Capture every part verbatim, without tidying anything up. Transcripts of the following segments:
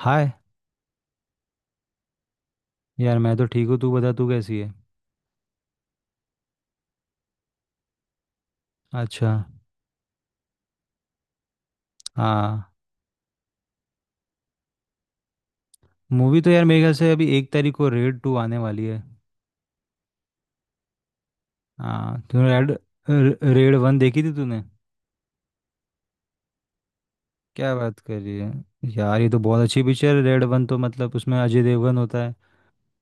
हाय। यार, मैं तो ठीक हूँ। तू बता, तू कैसी है? अच्छा। हाँ। मूवी तो यार मेरे ख्याल से अभी एक तारीख को रेड टू आने वाली है। हाँ, तूने रेड र- रेड वन देखी थी तूने? क्या बात कर रही है। यार, ये तो बहुत अच्छी पिक्चर है। रेड वन तो मतलब उसमें अजय देवगन होता है।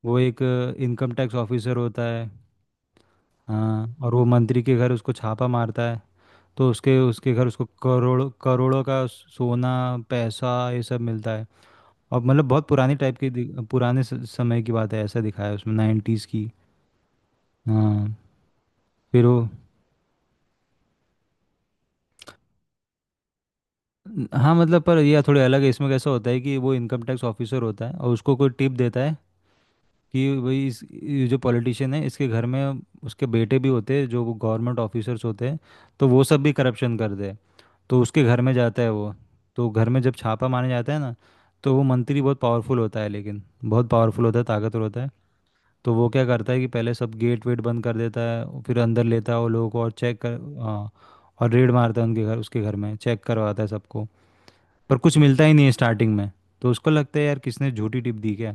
वो एक इनकम टैक्स ऑफिसर होता है। हाँ, और वो मंत्री के घर उसको छापा मारता है। तो उसके उसके घर उसको करोड़ों करोड़ों का सोना, पैसा, ये सब मिलता है। और मतलब बहुत पुराने टाइप की दि- पुराने स- समय की बात है, ऐसा दिखाया है उसमें, नाइन्टीज़ की। हाँ। फिर वो। हाँ मतलब, पर यह थोड़े अलग है। इसमें कैसा होता है कि वो इनकम टैक्स ऑफिसर होता है और उसको कोई टिप देता है। कि भाई, इस ये जो पॉलिटिशियन है, इसके घर में उसके बेटे भी होते हैं जो गवर्नमेंट ऑफिसर्स होते हैं। तो वो सब भी करप्शन करते हैं। तो उसके घर में जाता है वो। तो घर में जब छापा मारने जाता है ना, तो वो मंत्री बहुत पावरफुल होता है, लेकिन बहुत पावरफुल होता है, ताकतवर होता है। तो वो क्या करता है कि पहले सब गेट वेट बंद कर देता है, और फिर अंदर लेता है वो लोगों को और चेक कर। हाँ। और रेड मारता है उनके घर, उसके घर में चेक करवाता है सबको। पर कुछ मिलता ही नहीं है स्टार्टिंग में। तो उसको लगता है यार किसने झूठी टिप दी क्या।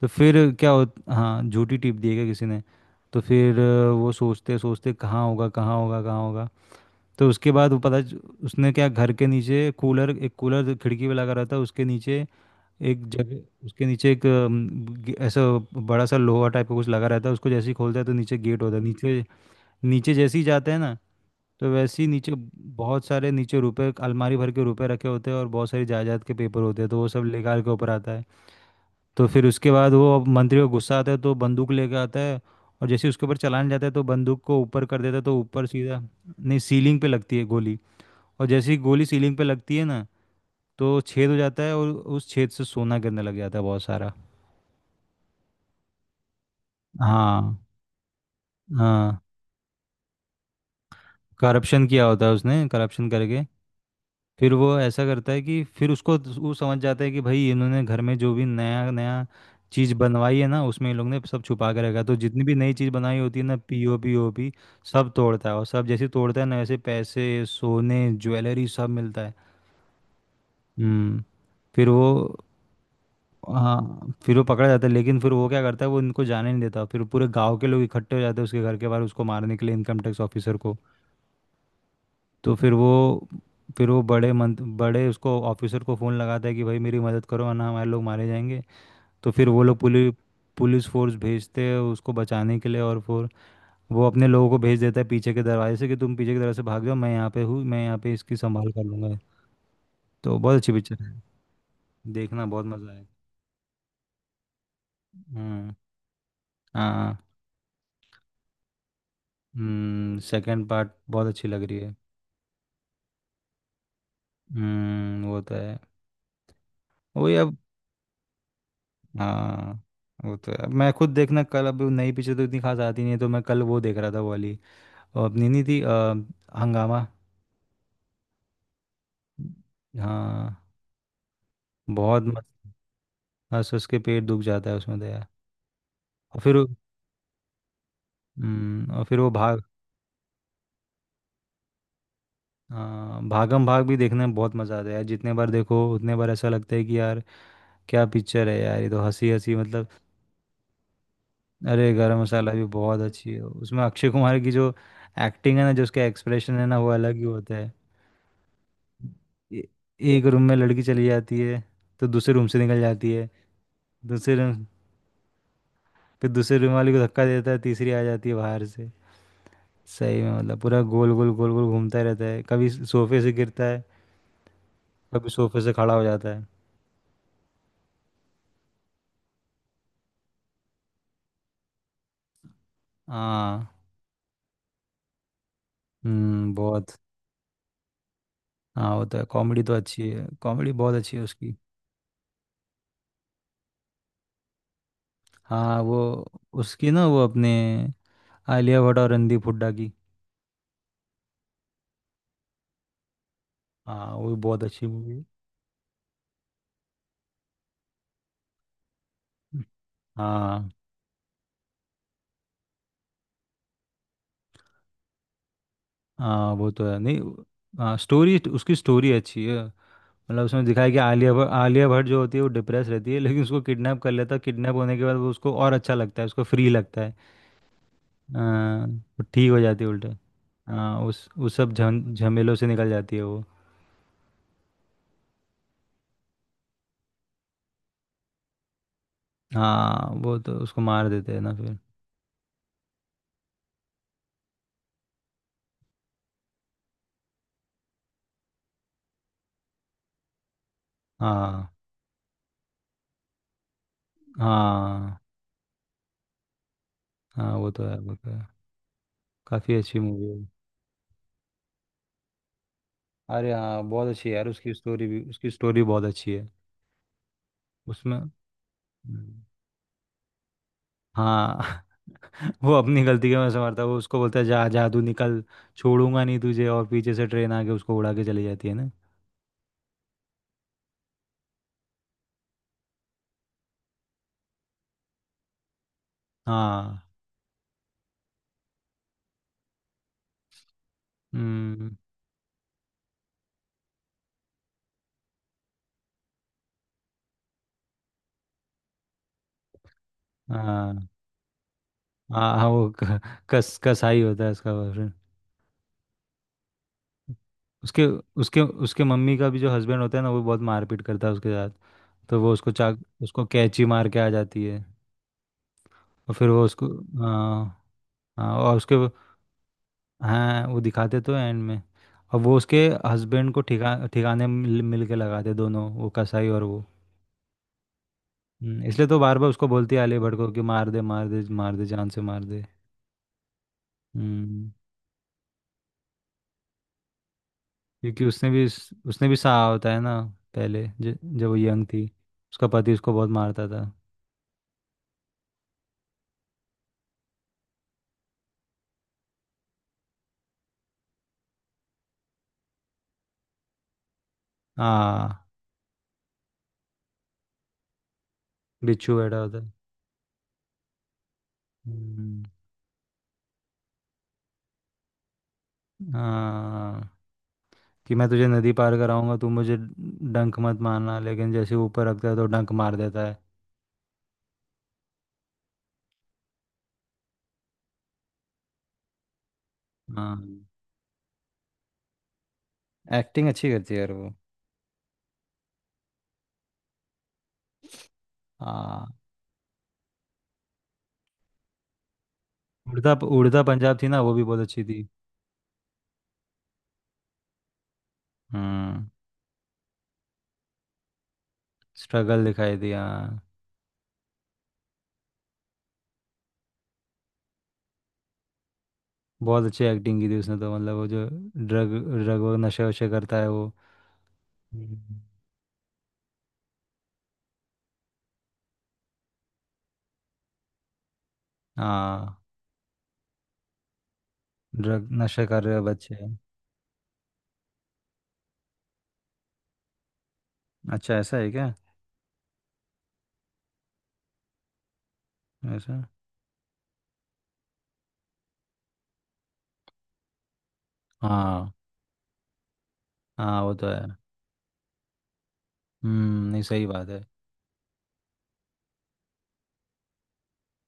तो फिर क्या हो। हाँ, झूठी टिप दी है क्या किसी ने। तो फिर अ, वो सोचते सोचते कहाँ होगा, कहाँ होगा, कहाँ होगा। तो उसके बाद वो पता च- उसने क्या, घर के नीचे कूलर, एक कूलर खिड़की पे लगा रहता है उसके नीचे। एक जगह उसके नीचे एक अम, गे- ऐसा बड़ा सा लोहा टाइप का कुछ लगा रहता है। उसको जैसे ही खोलता है तो नीचे गेट होता है नीचे। नीचे जैसे ही जाते हैं ना, तो वैसे ही नीचे बहुत सारे नीचे रुपए, अलमारी भर के रुपए रखे होते हैं, और बहुत सारी जायदाद के पेपर होते हैं। तो वो सब लेकर के ऊपर आता है। तो फिर उसके बाद वो, अब मंत्री को गुस्सा आता है तो बंदूक लेके आता है। और जैसे ही उसके ऊपर चलाने जाता है तो बंदूक को ऊपर कर देता है, तो ऊपर सीधा। नहीं, सीलिंग पे लगती है गोली। और जैसे ही गोली सीलिंग पे लगती है ना, तो छेद हो जाता है, और उस छेद से सोना गिरने लग जाता है बहुत सारा। हाँ। हाँ। करप्शन किया होता है उसने, करप्शन करके। फिर वो ऐसा करता है कि फिर उसको वो समझ जाता है कि भाई, इन्होंने घर में जो भी नया नया चीज़ बनवाई है ना, उसमें इन लोगों ने सब छुपा के रखा है। तो जितनी भी नई चीज़ बनाई होती है ना, पीओपी ओपी सब तोड़ता है, और सब जैसे तोड़ता है ना, वैसे पैसे, सोने, ज्वेलरी, सब मिलता है। हम्म। फिर वो। हाँ, फिर वो पकड़ा जाता है, लेकिन फिर वो क्या करता है, वो इनको जाने नहीं देता। फिर पूरे गांव के लोग इकट्ठे हो जाते हैं उसके घर के बाहर, उसको मारने के लिए, इनकम टैक्स ऑफिसर को। तो फिर वो, फिर वो बड़े मंत बड़े उसको ऑफिसर को फ़ोन लगाता है कि भाई मेरी मदद करो, वरना हमारे लोग मारे जाएंगे। तो फिर वो लोग पुलिस पुलिस फोर्स भेजते हैं उसको बचाने के लिए। और फिर वो अपने लोगों को भेज देता है पीछे के दरवाजे से, कि तुम पीछे के दरवाजे से भाग जाओ, मैं यहाँ पे हूँ, मैं यहाँ पे इसकी संभाल कर लूँगा। तो बहुत अच्छी पिक्चर है। देखना, बहुत मज़ा आए। हम्म। हाँ, हाँ। हम्म सेकंड पार्ट बहुत अच्छी लग रही है। हम्म वो तो है। वही अब। हाँ, वो तो है। मैं खुद देखना, कल अब नई पिक्चर तो इतनी खास आती नहीं है, तो मैं कल वो देख रहा था, वो वाली, और अपनी नहीं थी अ, हंगामा। हाँ। बहुत मस्त। बस उसके पेट दुख जाता है उसमें तो यार। और फिर वो- हम्म, और फिर वो भाग। हाँ, भागम भाग भी देखने में बहुत मज़ा आता है यार, जितने बार देखो उतने बार ऐसा लगता है कि यार क्या पिक्चर है यार, ये तो हंसी हंसी मतलब। अरे, गरम मसाला भी बहुत अच्छी है। उसमें अक्षय कुमार की जो एक्टिंग है ना, जो उसका एक्सप्रेशन है ना, वो अलग ही होता है। ए- एक रूम में लड़की चली जाती है, तो दूसरे रूम से निकल जाती है। दूसरे रूम, फिर दूसरे रूम वाली को धक्का देता है, तीसरी आ जाती है बाहर से। सही में मतलब पूरा गोल गोल गोल गोल घूमता रहता है, कभी सोफे से गिरता है, कभी सोफे से खड़ा हो जाता है। हाँ। हम्म, बहुत। हाँ वो तो है, कॉमेडी तो अच्छी है, कॉमेडी बहुत अच्छी है उसकी। हाँ। वो उसकी ना, वो अपने आलिया भट्ट और रणदीप हुड्डा की। हाँ, वो भी बहुत अच्छी मूवी है। हाँ, हाँ, वो तो है। नहीं, हाँ, स्टोरी, उसकी स्टोरी अच्छी है। मतलब उसमें दिखाया कि आलिया भट्ट आलिया भट्ट जो होती है वो डिप्रेस रहती है, लेकिन उसको किडनैप कर लेता है। किडनैप होने के बाद वो उसको और अच्छा लगता है, उसको फ्री लगता है। हाँ, वो ठीक हो जाती है उल्टा। हाँ, उस उस सब झम झमेलों से निकल जाती है वो। हाँ, वो तो उसको मार देते हैं ना फिर। हाँ, हाँ, हाँ, वो तो है, वो तो है। काफ़ी अच्छी मूवी है। अरे हाँ, बहुत अच्छी है यार, उसकी स्टोरी भी, उसकी स्टोरी बहुत अच्छी है। उसमें हम्म। हाँ वो अपनी गलती के में समझता है, वो उसको बोलता है जा जा तू निकल, छोड़ूंगा नहीं तुझे, और पीछे से ट्रेन आके उसको उड़ा के चली जाती है ना। हाँ। हम्म। हाँ, हाँ, हाँ, वो क- कस कसाई होता है उसका बॉयफ्रेंड। उसके, उसके उसके मम्मी का भी जो हस्बैंड होता है ना, वो बहुत मारपीट करता है उसके साथ। तो वो उसको चाक, उसको कैंची मार के आ जाती है। और फिर वो उसको, हाँ, हाँ, और उसके, हाँ, वो दिखाते तो एंड में। और वो उसके हस्बैंड को ठिका ठिकाने मिल मिल के लगाते दोनों, वो कसाई और वो। हम्म, इसलिए तो बार बार उसको बोलती है आलिया भट्ट को कि मार दे, मार दे, मार दे, जान से मार दे। हम्म। क्योंकि उसने भी, उसने भी सहा होता है ना, पहले ज, जब वो यंग थी, उसका पति उसको बहुत मारता था। हाँ, बिच्छू बैठा होता है। हम्म, हाँ, कि मैं तुझे नदी पार कराऊंगा, तू मुझे डंक मत मारना, लेकिन जैसे वो ऊपर रखता है तो डंक मार देता है। हाँ। एक्टिंग अच्छी करती है यार वो। हाँ, उड़ता उड़ता पंजाब थी ना, वो भी बहुत अच्छी थी। हम्म। स्ट्रगल दिखाई दिया। बहुत अच्छी एक्टिंग की थी उसने तो, मतलब वो जो ड्रग ड्रग, वो नशे वशे करता है वो। हम्म। हाँ, ड्रग, नशे कर रहे बच्चे। अच्छा, ऐसा है क्या। ऐसा। हाँ, हाँ, वो तो है। हम्म नहीं, सही बात है।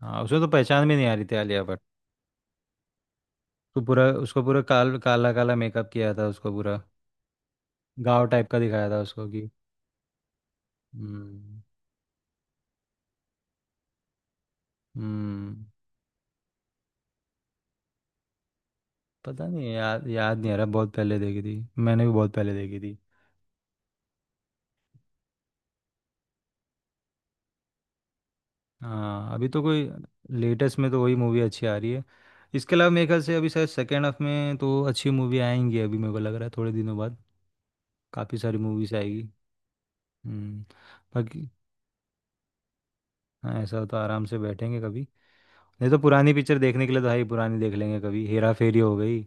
हाँ, उसको तो पहचान भी नहीं आ रही थी आलिया भट्ट। तो पूरा उसको पूरा काल काला काला मेकअप किया था उसको पूरा, गाँव टाइप का दिखाया था उसको कि। हम्म। हम्म। पता नहीं याद याद नहीं आ रहा, बहुत पहले देखी थी, मैंने भी बहुत पहले देखी थी। हाँ, अभी तो कोई, लेटेस्ट में तो वही मूवी अच्छी आ रही है। इसके अलावा मेरे ख्याल से अभी शायद सेकेंड हाफ में तो अच्छी मूवी आएंगी, अभी मेरे को लग रहा है, थोड़े दिनों बाद काफ़ी सारी मूवीज आएगी। हम्म। बाकी। हाँ, ऐसा तो आराम से बैठेंगे कभी, नहीं तो पुरानी पिक्चर देखने के लिए तो भाई पुरानी देख लेंगे, कभी हेरा फेरी हो गई,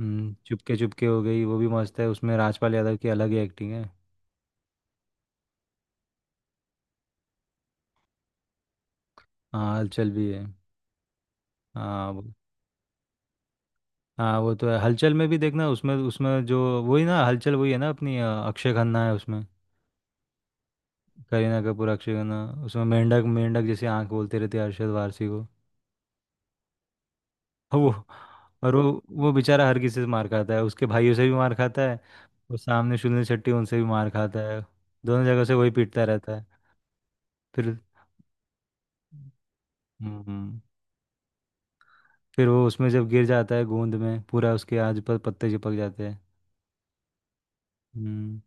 हम्म चुपके चुपके हो गई, वो भी मस्त है, उसमें राजपाल यादव की अलग ही एक्टिंग है। हाँ, हलचल भी है। हाँ वो, हाँ वो तो है, हलचल में भी देखना, उसमें उसमें जो वही ना, हलचल वही है ना, अपनी अ, अक्षय खन्ना है उसमें, करीना कपूर, अक्षय खन्ना। उसमें मेंढक मेंढक जैसी आंख बोलते रहते हैं अरशद वारसी को। और वो, और वो वो बेचारा हर किसी से मार खाता है, उसके भाइयों से भी मार खाता है, वो सामने सुनील शेट्टी उनसे भी मार खाता है, दोनों जगह से वही पीटता रहता है। फिर, हम्म, फिर वो उसमें जब गिर जाता है गोंद में, पूरा उसके आज पर पत्ते चिपक जाते हैं। हम्म।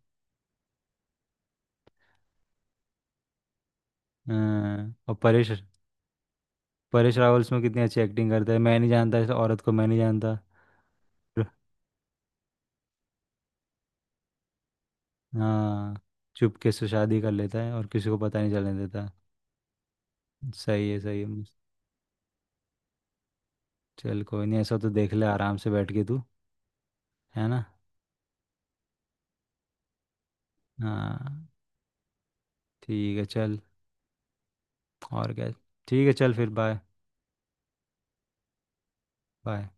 हाँ, और परेश, परेश रावल उसमें कितनी अच्छी एक्टिंग करता है, मैं नहीं जानता इस औरत को, मैं नहीं जानता। हाँ, चुपके से शादी कर लेता है और किसी को पता नहीं चलने देता। सही है, सही है, मुझ- चल कोई नहीं, ऐसा तो देख ले आराम से बैठ के तू, है ना। हाँ, ठीक है चल। और क्या। ठीक है, चल फिर, बाय। बाय।